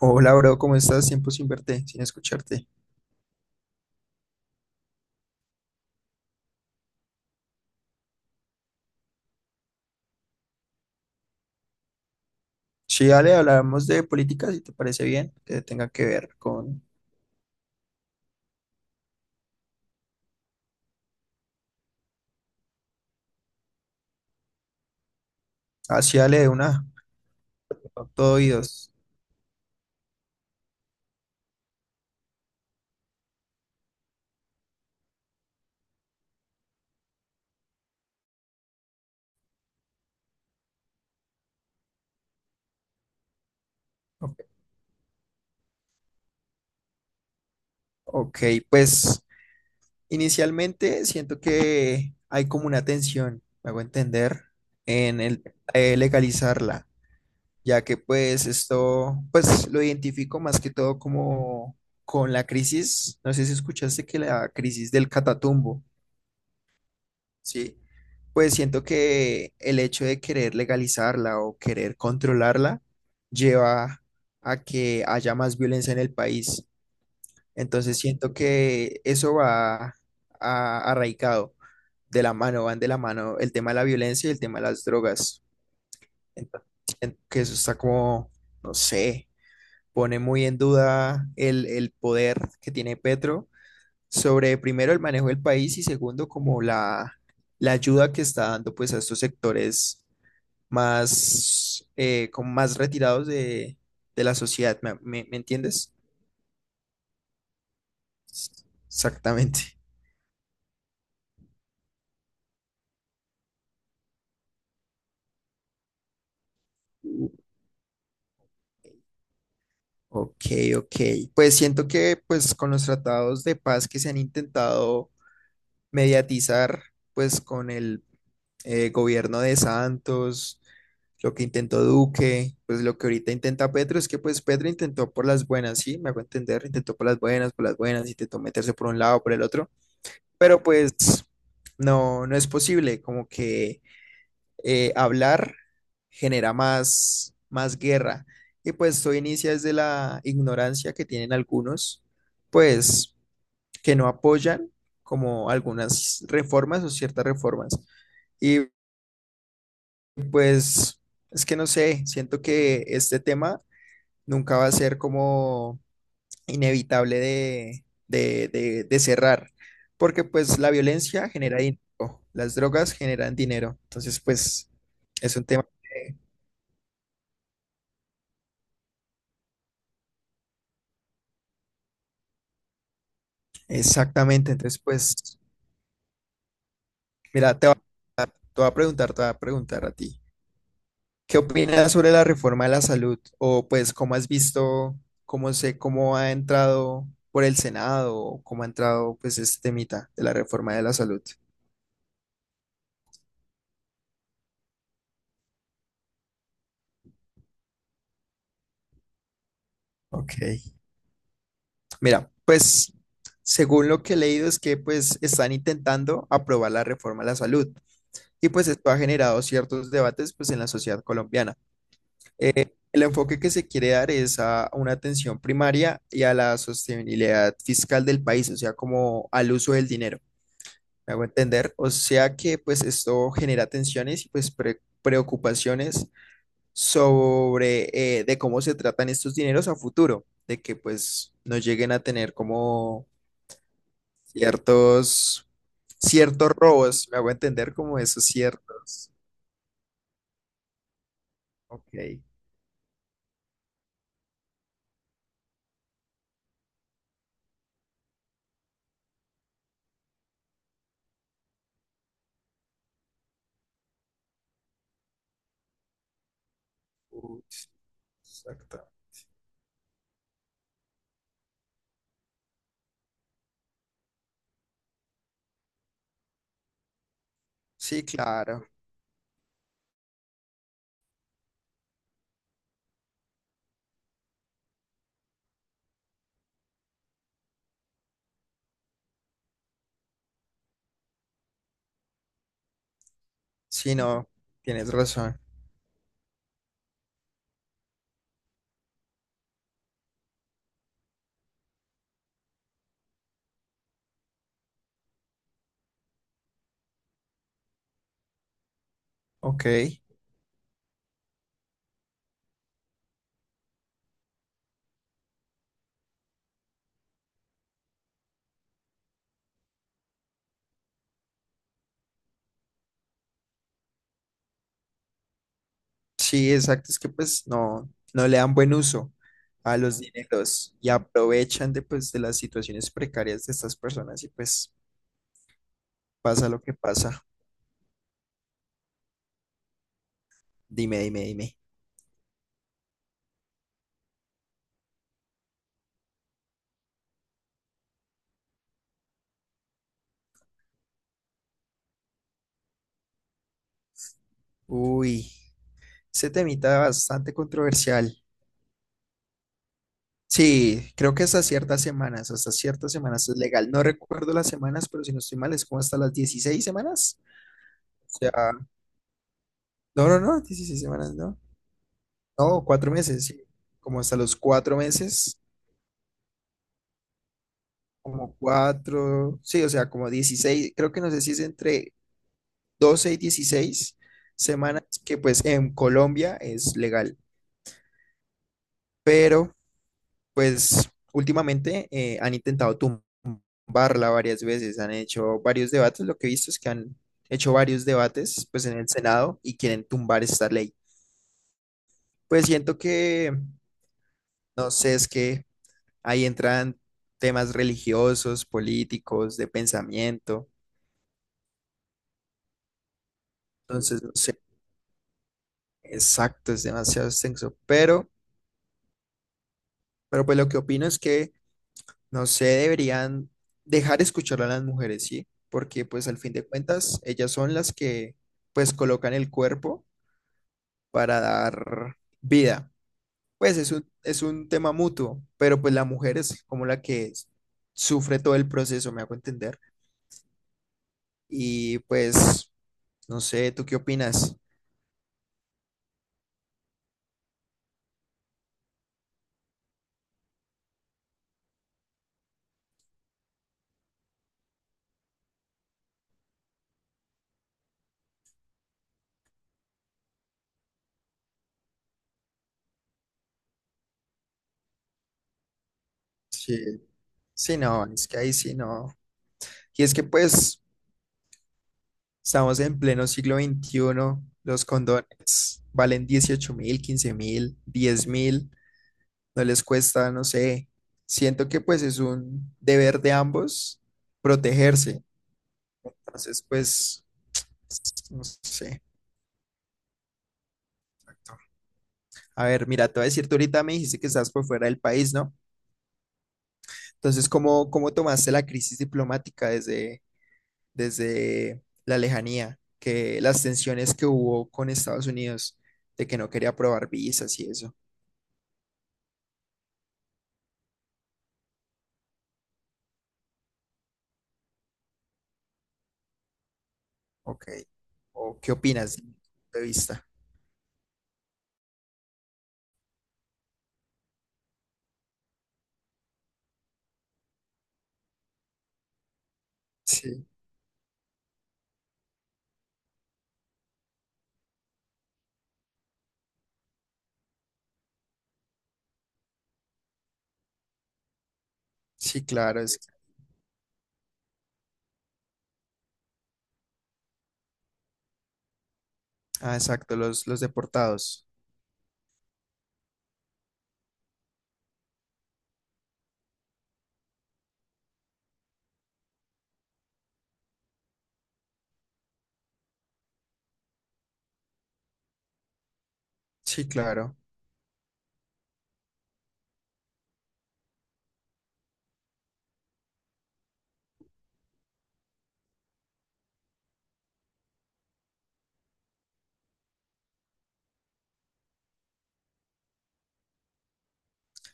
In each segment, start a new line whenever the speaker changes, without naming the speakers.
Hola, bro, ¿cómo estás? Tiempo sin verte, sin escucharte. Sí, dale, hablamos de política, si te parece bien, que tenga que ver con... Así, dale, de una, todo oídos. Ok, ok, pues inicialmente siento que hay como una tensión, me hago entender, en el legalizarla, ya que pues esto, pues lo identifico más que todo como con la crisis, no sé si escuchaste que la crisis del Catatumbo. Sí, pues siento que el hecho de querer legalizarla o querer controlarla lleva a que haya más violencia en el país. Entonces siento que eso va arraigado de la mano, van de la mano el tema de la violencia y el tema de las drogas. Entonces siento que eso está como, no sé, pone muy en duda el poder que tiene Petro sobre primero el manejo del país y segundo como la ayuda que está dando pues a estos sectores más, como más retirados de la sociedad. ¿Me, me entiendes? Exactamente. Ok, ok. Pues siento que pues con los tratados de paz que se han intentado mediatizar pues con el gobierno de Santos, lo que intentó Duque, pues lo que ahorita intenta Petro, es que pues Petro intentó por las buenas, sí, me hago entender, intentó por las buenas, intentó meterse por un lado, por el otro, pero pues no, no es posible, como que hablar genera más, más guerra, y pues esto inicia desde la ignorancia que tienen algunos, pues que no apoyan como algunas reformas o ciertas reformas y pues... Es que no sé, siento que este tema nunca va a ser como inevitable de, de cerrar, porque pues la violencia genera dinero, las drogas generan dinero, entonces pues es un tema que. Exactamente, entonces pues mira, te, te voy a preguntar, te voy a preguntar a ti, ¿qué opinas sobre la reforma de la salud? O pues cómo has visto, cómo sé, cómo ha entrado por el Senado, o cómo ha entrado pues este temita de la reforma de la salud. Ok. Mira, pues según lo que he leído es que pues están intentando aprobar la reforma a la salud y pues esto ha generado ciertos debates pues en la sociedad colombiana. El enfoque que se quiere dar es a una atención primaria y a la sostenibilidad fiscal del país, o sea, como al uso del dinero, ¿me hago entender? O sea que pues esto genera tensiones y pues preocupaciones sobre de cómo se tratan estos dineros a futuro, de que pues no lleguen a tener como ciertos, ciertos robos, me hago entender como esos ciertos. Ok. Ups, exacto. Sí, claro. Sí, no, tienes razón. Ok. Sí, exacto. Es que pues no, no le dan buen uso a los dineros y aprovechan de pues de las situaciones precarias de estas personas y pues pasa lo que pasa. Dime, dime, dime. Uy, ese temita bastante controversial. Sí, creo que hasta ciertas semanas es legal. No recuerdo las semanas, pero si no estoy mal, es como hasta las dieciséis semanas. O sea, no, no, no, 16 semanas, no. No, cuatro meses, sí. Como hasta los cuatro meses, como cuatro, sí, o sea, como 16. Creo que no sé si es entre 12 y 16 semanas, que pues en Colombia es legal, pero pues últimamente han intentado tumbarla varias veces, han hecho varios debates, lo que he visto es que han hecho varios debates pues en el Senado y quieren tumbar esta ley. Pues siento que, no sé, es que ahí entran temas religiosos, políticos, de pensamiento, entonces no sé, exacto, es demasiado extenso, pero pues lo que opino es que no sé, deberían dejar escuchar a las mujeres, ¿sí? Porque pues al fin de cuentas ellas son las que pues colocan el cuerpo para dar vida. Pues es un tema mutuo, pero pues la mujer es como la que sufre todo el proceso, me hago entender. Y pues, no sé, ¿tú qué opinas? Sí, sí, no, es que ahí sí, no. Y es que pues estamos en pleno siglo XXI, los condones valen 18 mil, 15 mil, 10 mil. No les cuesta, no sé. Siento que pues es un deber de ambos protegerse. Entonces, pues, no sé. A ver, mira, te voy a decir, tú ahorita me dijiste que estás por fuera del país, ¿no? Entonces, ¿cómo, cómo tomaste la crisis diplomática desde, desde la lejanía? Que las tensiones que hubo con Estados Unidos, de que no quería aprobar visas y eso. Ok. ¿O qué opinas de mi punto de vista? Sí, sí, claro. Es. Ah, exacto, los deportados. Sí, claro.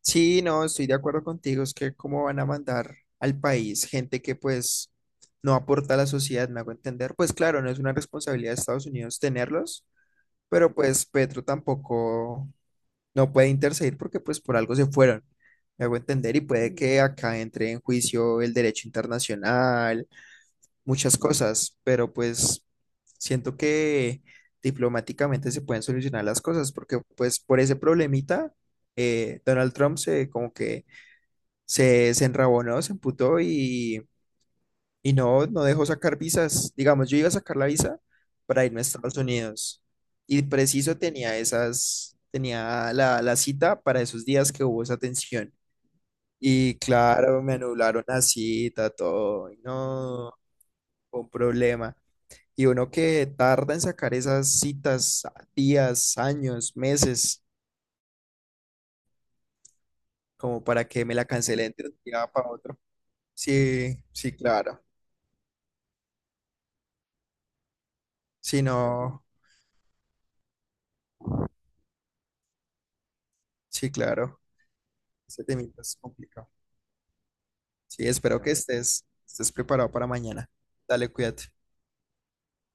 Sí, no, estoy de acuerdo contigo, es que cómo van a mandar al país gente que pues no aporta a la sociedad, me hago entender. Pues claro, no es una responsabilidad de Estados Unidos tenerlos, pero pues Petro tampoco no puede interceder porque pues por algo se fueron, me hago entender, y puede que acá entre en juicio el derecho internacional, muchas cosas, pero pues siento que diplomáticamente se pueden solucionar las cosas porque pues por ese problemita Donald Trump se como que se enrabonó, se emputó y no, no dejó sacar visas. Digamos, yo iba a sacar la visa para irme a Estados Unidos y preciso tenía esas, tenía la, la cita para esos días que hubo esa tensión. Y claro, me anularon la cita, todo, y no, fue un problema. Y uno que tarda en sacar esas citas días, años, meses, como para que me la cancelen de un día para otro. Sí, sí, claro. Si no. Sí, claro. Ese temita es complicado. Sí, espero que estés, estés preparado para mañana. Dale, cuídate.